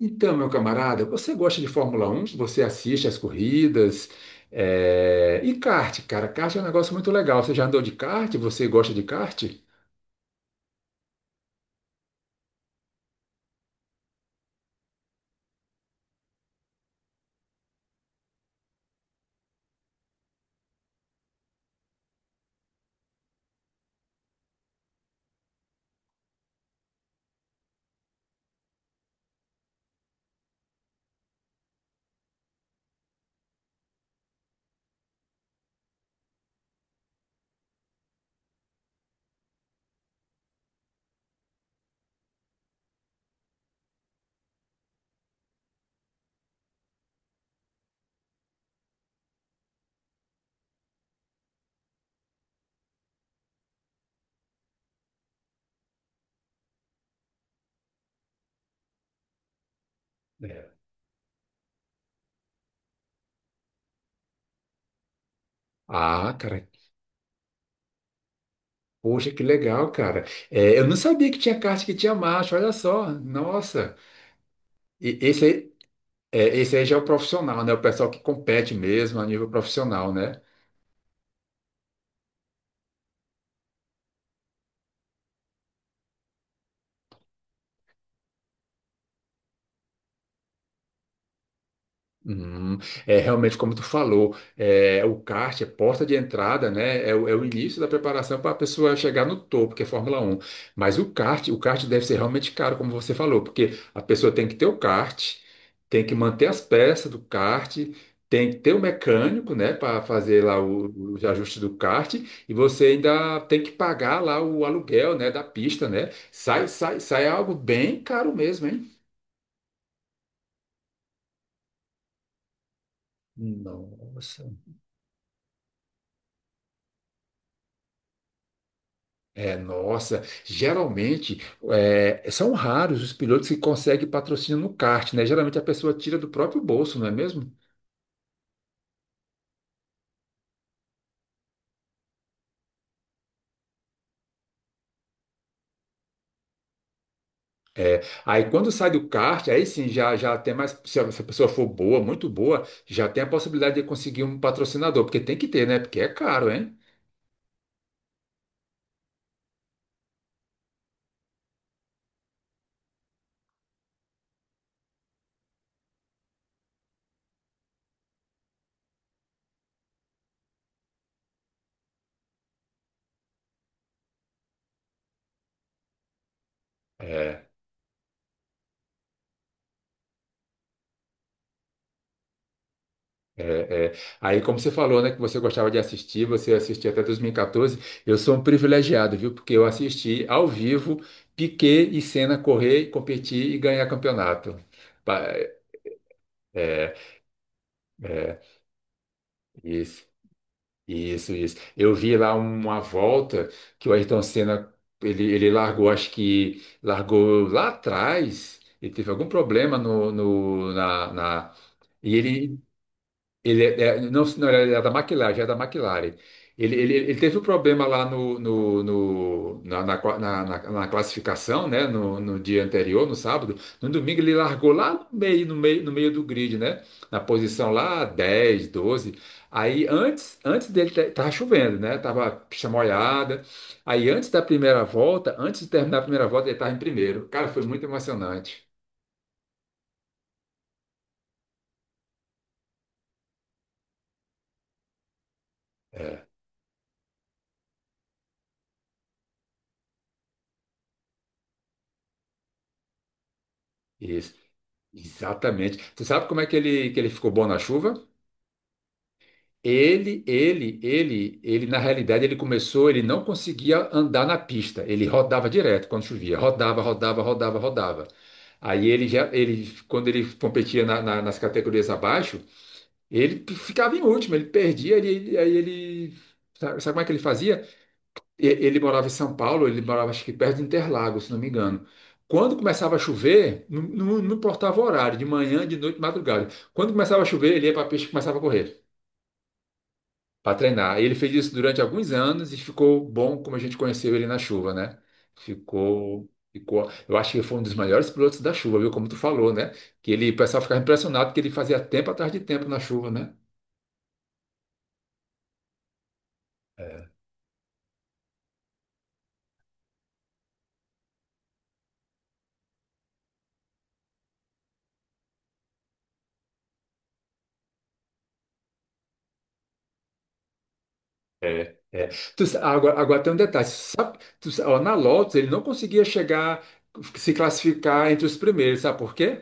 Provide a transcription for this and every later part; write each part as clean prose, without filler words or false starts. Então, meu camarada, você gosta de Fórmula Um? Você assiste às corridas? É, e kart, cara, kart é um negócio muito legal. Você já andou de kart? Você gosta de kart? É. Ah, cara, poxa, que legal, cara. É, eu não sabia que tinha kart que tinha marcha, olha só. Nossa. E esse aí, já é o profissional, né? O pessoal que compete mesmo a nível profissional, né? Hum, é realmente como tu falou, o kart é porta de entrada, né? É, o é o início da preparação para a pessoa chegar no topo, que é Fórmula Um. Mas o kart deve ser realmente caro, como você falou, porque a pessoa tem que ter o kart, tem que manter as peças do kart, tem que ter o mecânico, né, para fazer lá o- os ajustes do kart, e você ainda tem que pagar lá o aluguel, né, da pista, né? Sai algo bem caro mesmo, hein? Nossa. É, nossa, geralmente são raros os pilotos que conseguem patrocínio no kart, né? Geralmente a pessoa tira do próprio bolso, não é mesmo? É, aí quando sai do kart, aí sim já, já tem mais. Se a pessoa for boa, muito boa, já tem a possibilidade de conseguir um patrocinador, porque tem que ter, né? Porque é caro, hein? É. É, é. Aí, como você falou, né, que você gostava de assistir, você assistia até 2014, eu sou um privilegiado, viu? Porque eu assisti ao vivo Piquet e Senna correr, competir e ganhar campeonato. Pa- É, é, isso, isso, isso. Eu vi lá uma volta que o Ayrton Senna, ele largou, acho que largou lá atrás, ele teve algum problema no, no, na, na- E ele Ele não, não, ele é da McLaren, já é da McLaren. Ele teve um problema lá na classificação, né? No, no dia anterior, no sábado. No domingo ele largou lá no meio do grid, né? Na posição lá 10, 12. Aí antes dele tava chovendo, né? Tava chamoyada. Aí antes da primeira volta, antes de terminar a primeira volta, ele tava em primeiro. Cara, foi muito emocionante. É, isso. Exatamente. Você sabe como é que ele ficou bom na chuva? Ele, na realidade, ele começou, ele não conseguia andar na pista, ele rodava direto quando chovia, rodava, rodava, rodava, rodava. Aí quando ele competia nas categorias abaixo, ele ficava em último, ele perdia, sabe como é que ele fazia? Ele morava em São Paulo, ele morava acho que perto de Interlagos, se não me engano. Quando começava a chover, não, não importava o horário, de manhã, de noite, de madrugada. Quando começava a chover, ele ia para a pista e começava a correr para treinar. E ele fez isso durante alguns anos e ficou bom como a gente conheceu ele na chuva, né? Ficou, ficou. Eu acho que ele foi um dos melhores pilotos da chuva, viu? Como tu falou, né? O pessoal ficava impressionado que ele fazia tempo atrás de tempo na chuva, né? É, é. Agora tem um detalhe. Sabe, ó, na Lotus ele não conseguia chegar, se classificar entre os primeiros, sabe por quê?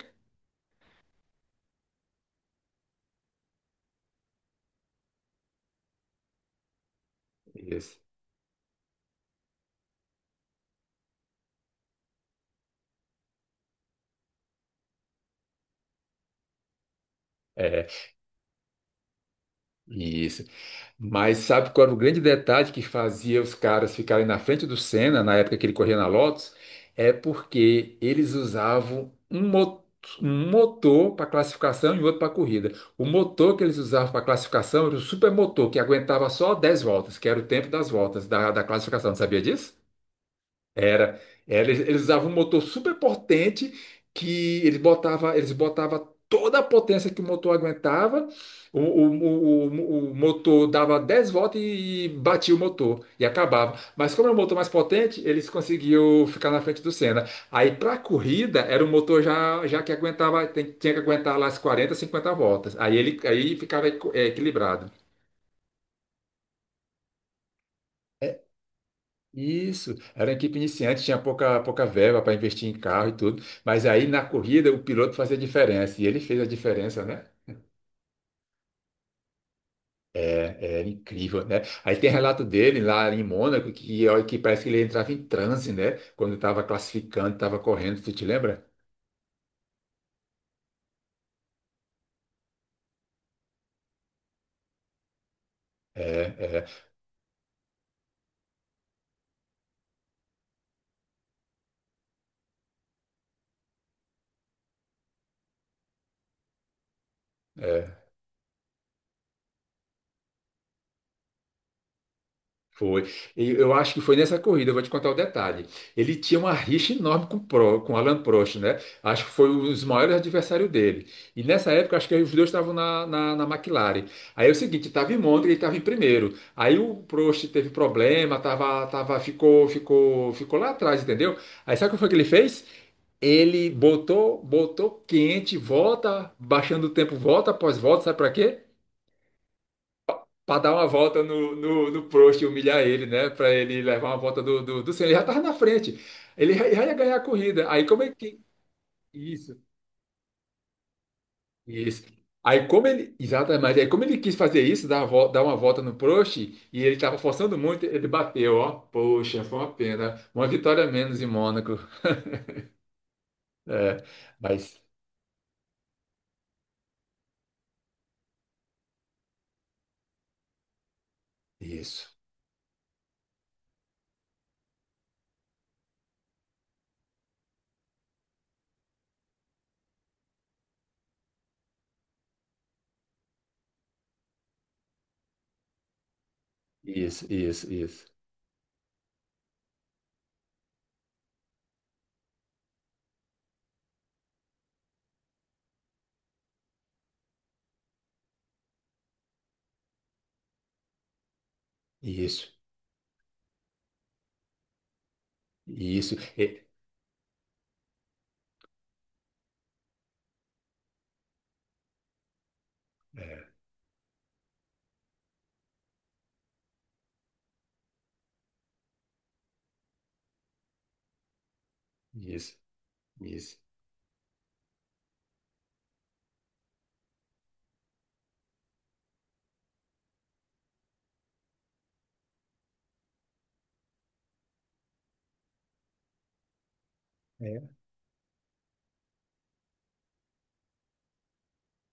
Isso. Isso. Mas sabe qual era o grande detalhe que fazia os caras ficarem na frente do Senna na época que ele corria na Lotus? É porque eles usavam um motor para classificação e outro para corrida. O motor que eles usavam para classificação era o supermotor, que aguentava só 10 voltas, que era o tempo das voltas da classificação. Sabia disso? Era, era, eles usavam um motor super potente que eles botava toda a potência que o motor aguentava. O, o, o motor dava 10 voltas e batia o motor e acabava. Mas como era um motor mais potente, eles conseguiam ficar na frente do Senna. Aí para a corrida era um motor já que aguentava, tinha que aguentar lá as 40, 50 voltas. Aí ele aí ficava equilibrado. Isso, era uma equipe iniciante, tinha pouca, pouca verba para investir em carro e tudo, mas aí na corrida o piloto fazia diferença, e ele fez a diferença, né? É, é incrível, né? Aí tem relato dele lá em Mônaco, que, ó, que parece que ele entrava em transe, né? Quando estava classificando, estava correndo, tu te lembra? É, é. É. Foi. E eu acho que foi nessa corrida, eu vou te contar o detalhe. Ele tinha uma rixa enorme com o Alan Prost, né? Acho que foi um dos maiores adversários dele. E nessa época, acho que os dois estavam na McLaren. Aí é o seguinte, estava em Monza e ele estava em primeiro. Aí o Prost teve problema, ficou, ficou, ficou lá atrás, entendeu? Aí sabe o que foi que ele fez? Ele botou, botou quente, volta, baixando o tempo, volta após volta, sabe para quê? Para dar uma volta no Prost e humilhar ele, né? Para ele levar uma volta do Senna. Ele já tava na frente. Ele já ia ganhar a corrida. Aí como é que. Isso, isso. Aí como ele. Exatamente. Aí como ele quis fazer isso, dar uma volta no Prost, e ele estava forçando muito, ele bateu, ó. Poxa, foi uma pena. Uma vitória a menos em Mônaco. É, mas. Isso, isso, isso, isso, isso, isso. É, é, isso, isso. É.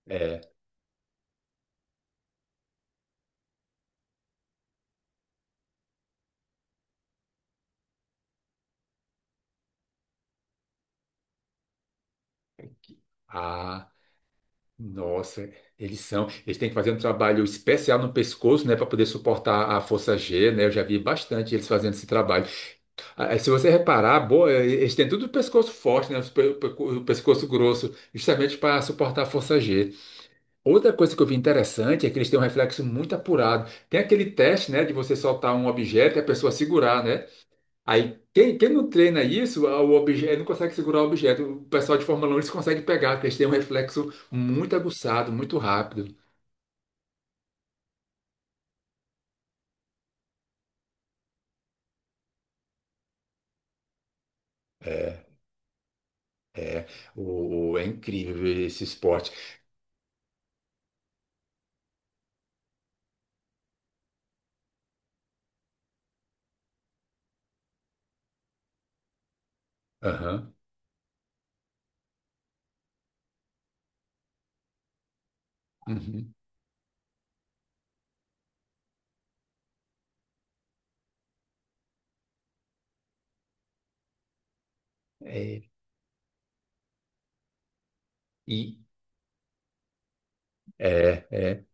É. Ah. Nossa, eles são. Eles têm que fazer um trabalho especial no pescoço, né, para poder suportar a força G, né? Eu já vi bastante eles fazendo esse trabalho. Ah, é, se você reparar, eles têm tudo o pescoço forte, né? O pescoço grosso, justamente para suportar a força G. Outra coisa que eu vi interessante é que eles têm um reflexo muito apurado. Tem aquele teste, né, de você soltar um objeto e a pessoa segurar, né? Aí, quem, quem não treina isso, o objeto não consegue segurar o objeto. O pessoal de Fórmula um eles conseguem pegar, porque eles têm um reflexo muito aguçado, muito rápido. É, é, é incrível esse esporte. Aham. Uhum. É, e é, é,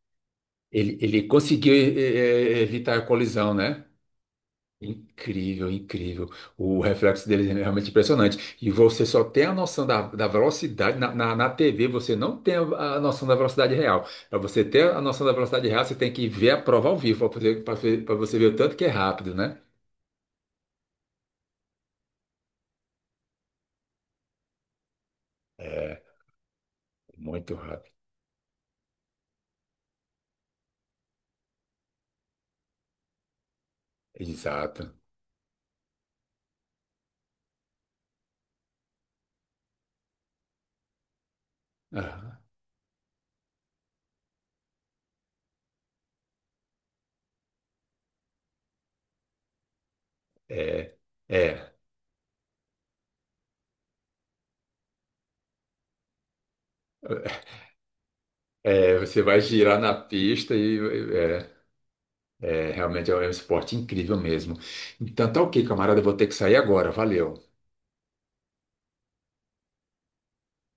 ele conseguiu evitar a colisão, né? Incrível, incrível. O reflexo deles é realmente impressionante. E você só tem a noção da velocidade. Na TV, você não tem a noção da velocidade real. Para você ter a noção da velocidade real, você tem que ver a prova ao vivo para você ver o tanto que é rápido, né? É, muito rápido. Exato. Ah, é, é, é. Você vai girar na pista e. É, é, realmente é um esporte incrível mesmo. Então tá ok, camarada. Eu vou ter que sair agora. Valeu.